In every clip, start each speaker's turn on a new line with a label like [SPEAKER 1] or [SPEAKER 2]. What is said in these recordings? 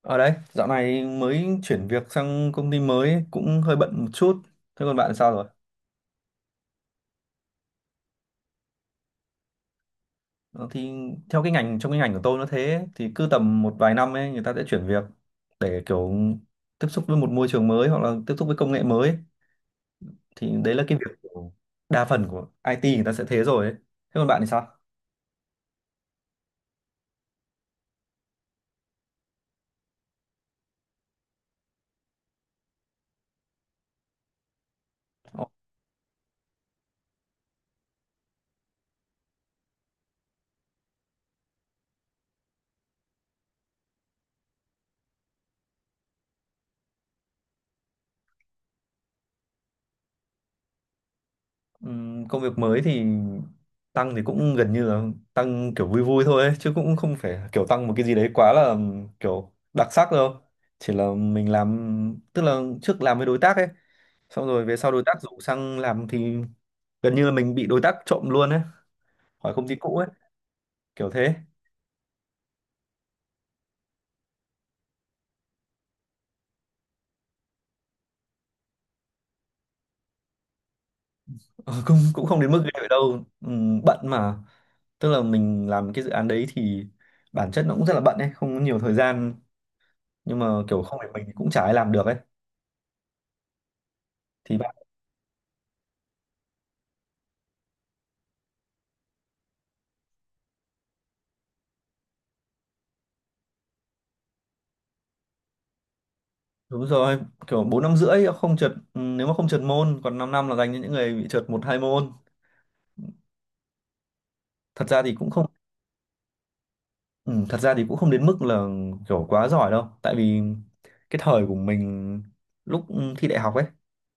[SPEAKER 1] Ở đây, dạo này mới chuyển việc sang công ty mới ấy, cũng hơi bận một chút. Thế còn bạn sao rồi? Ờ, Thì theo cái ngành trong cái ngành của tôi nó thế, thì cứ tầm một vài năm ấy người ta sẽ chuyển việc để kiểu tiếp xúc với một môi trường mới hoặc là tiếp xúc với công nghệ mới ấy. Thì đấy là cái việc của đa phần của IT, người ta sẽ thế rồi ấy. Thế còn bạn thì sao? Công việc mới thì tăng thì cũng gần như là tăng kiểu vui vui thôi ấy, chứ cũng không phải kiểu tăng một cái gì đấy quá là kiểu đặc sắc đâu. Chỉ là mình làm, tức là trước làm với đối tác ấy, xong rồi về sau đối tác rủ sang làm thì gần như là mình bị đối tác trộm luôn ấy, khỏi công ty cũ ấy, kiểu thế. Ờ, cũng cũng không đến mức ghê vậy đâu. Bận mà, tức là mình làm cái dự án đấy thì bản chất nó cũng rất là bận ấy, không có nhiều thời gian, nhưng mà kiểu không phải mình thì cũng chả ai làm được ấy. Thì Đúng rồi, kiểu 4 năm rưỡi không trượt, nếu mà không trượt môn, còn 5 năm là dành cho những người bị trượt một hai môn. Thật ra thì cũng không ừ, Thật ra thì cũng không đến mức là kiểu quá giỏi đâu, tại vì cái thời của mình, lúc thi đại học ấy,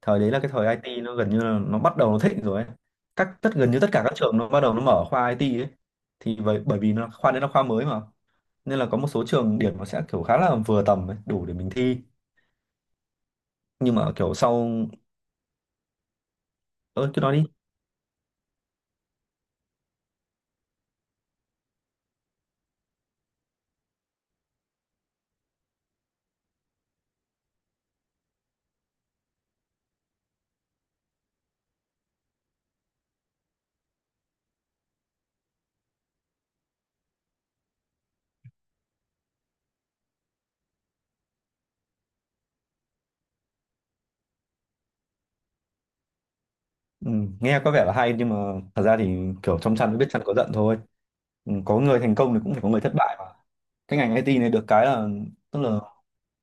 [SPEAKER 1] thời đấy là cái thời IT nó gần như là nó bắt đầu nó thịnh rồi ấy. Các tất gần như tất cả các trường nó bắt đầu nó mở khoa IT ấy. Thì bởi bởi vì nó khoa đấy là khoa mới mà, nên là có một số trường điểm nó sẽ kiểu khá là vừa tầm ấy, đủ để mình thi. Nhưng mà kiểu sau ơ cứ nói đi. Ừ, nghe có vẻ là hay nhưng mà thật ra thì kiểu trong chăn mới biết chăn có giận thôi. Ừ, có người thành công thì cũng phải có người thất bại mà. Cái ngành IT này được cái là, tức là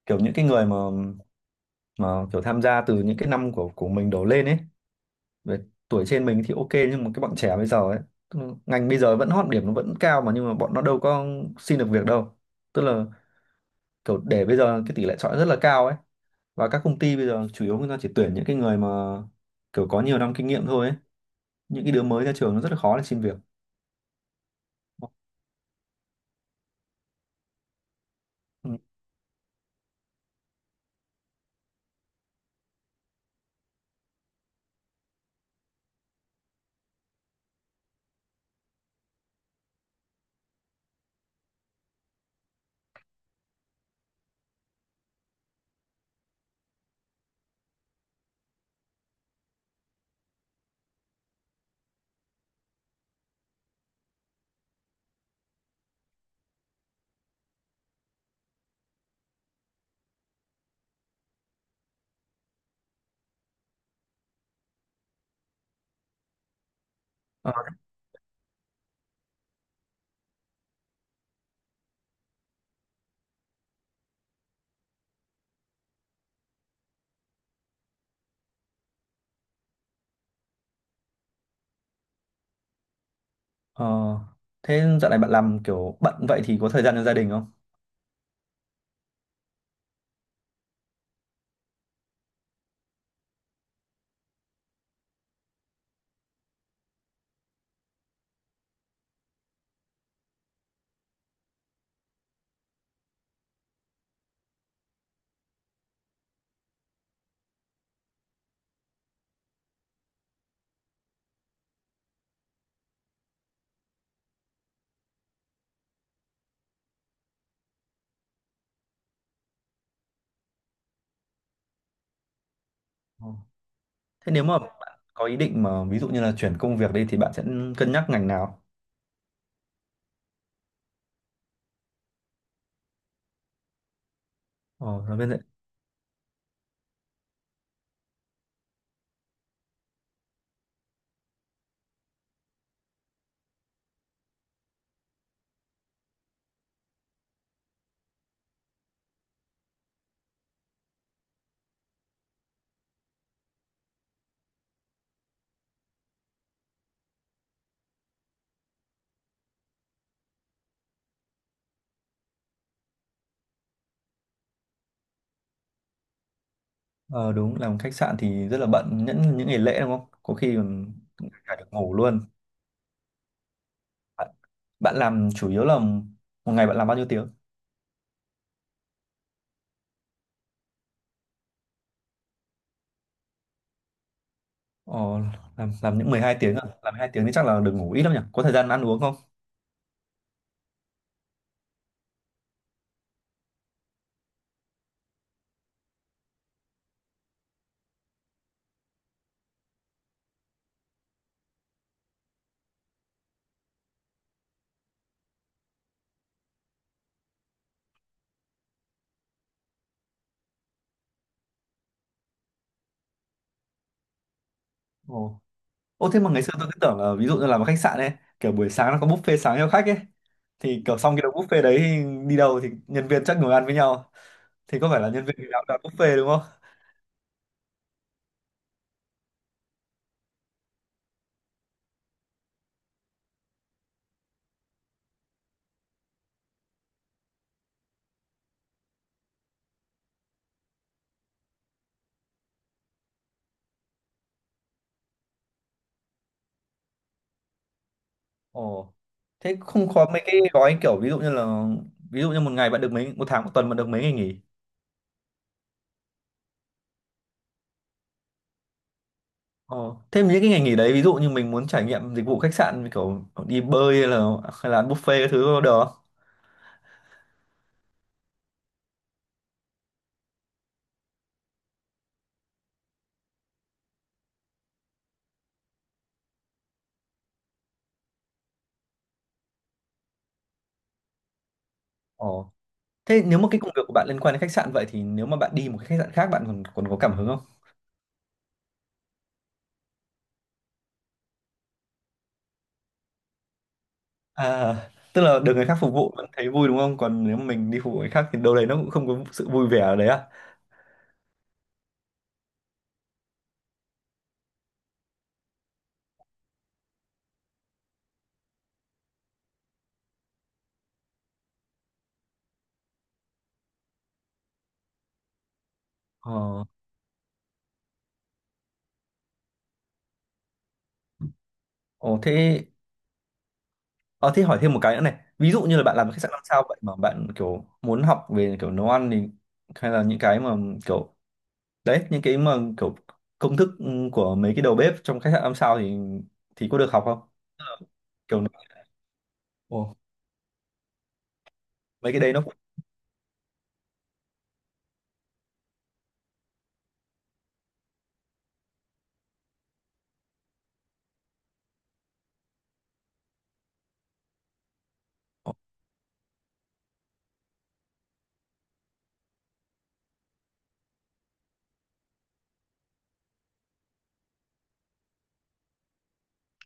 [SPEAKER 1] kiểu những cái người mà kiểu tham gia từ những cái năm của mình đổ lên ấy, về tuổi trên mình thì ok, nhưng mà cái bọn trẻ bây giờ ấy, tức là ngành bây giờ vẫn hot, điểm nó vẫn cao mà, nhưng mà bọn nó đâu có xin được việc đâu, tức là kiểu để bây giờ cái tỷ lệ chọi rất là cao ấy, và các công ty bây giờ chủ yếu người ta chỉ tuyển những cái người mà kiểu có nhiều năm kinh nghiệm thôi ấy, những cái đứa mới ra trường nó rất là khó để xin việc. Ừ. Ờ, ờ, thế dạo này bạn làm kiểu bận vậy thì có thời gian cho gia đình không? Ờ. Thế nếu mà bạn có ý định mà ví dụ như là chuyển công việc đi thì bạn sẽ cân nhắc ngành nào? Ờ, là bên dạy- Ờ đúng, làm khách sạn thì rất là bận những ngày lễ đúng không? Có khi còn cả được ngủ luôn. Bạn, bạn làm chủ yếu là một ngày bạn làm bao nhiêu tiếng? Ờ, làm những mười hai tiếng à? Làm hai tiếng thì chắc là được ngủ ít lắm nhỉ? Có thời gian ăn uống không? Ờ. Ô thế mà ngày xưa tôi cứ tưởng là ví dụ như làm ở khách sạn ấy, kiểu buổi sáng nó có buffet sáng cho khách ấy. Thì kiểu xong cái đầu buffet đấy thì đi đâu thì nhân viên chắc ngồi ăn với nhau. Thì có phải là nhân viên nào đặt buffet đúng không? Ồ. Thế không có mấy cái gói kiểu ví dụ như một ngày bạn được mấy, một tháng một tuần bạn được mấy ngày nghỉ. Ồ. Thế những cái ngày nghỉ đấy ví dụ như mình muốn trải nghiệm dịch vụ khách sạn như kiểu đi bơi, hay là ăn buffet cái thứ được không? Ồ. Thế nếu mà cái công việc của bạn liên quan đến khách sạn vậy thì nếu mà bạn đi một cái khách sạn khác bạn còn còn có cảm hứng không? À, tức là được người khác phục vụ vẫn thấy vui đúng không? Còn nếu mình đi phục vụ người khác thì đâu đấy nó cũng không có sự vui vẻ ở đấy à? Ờ, ồ thế, ờ, thế hỏi thêm một cái nữa này. Ví dụ như là bạn làm khách sạn năm sao vậy mà bạn kiểu muốn học về kiểu nấu ăn thì, hay là kiểu những cái mà kiểu công thức của mấy cái đầu bếp trong khách sạn năm sao thì có được học không? Tức là Kiểu Ồ, mấy cái đấy nó cũng ồ,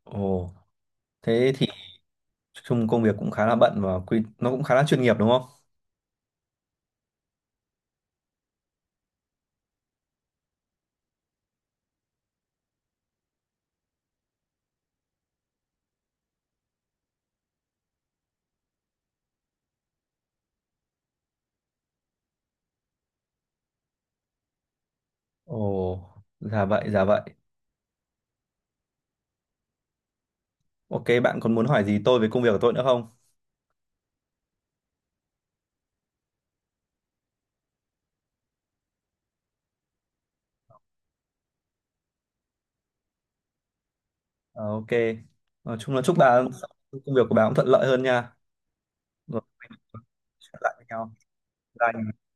[SPEAKER 1] ồ, thế thì chung công việc cũng khá là bận và quy nó cũng khá là chuyên nghiệp đúng không? Ồ, dạ vậy, dạ vậy. Ok, bạn còn muốn hỏi gì tôi về công việc của tôi nữa không? Ờ, ok. Nói chung là chúc bà công việc của bà cũng thuận lợi hơn nha. Rồi, mình sẽ lại với nhau. Bye.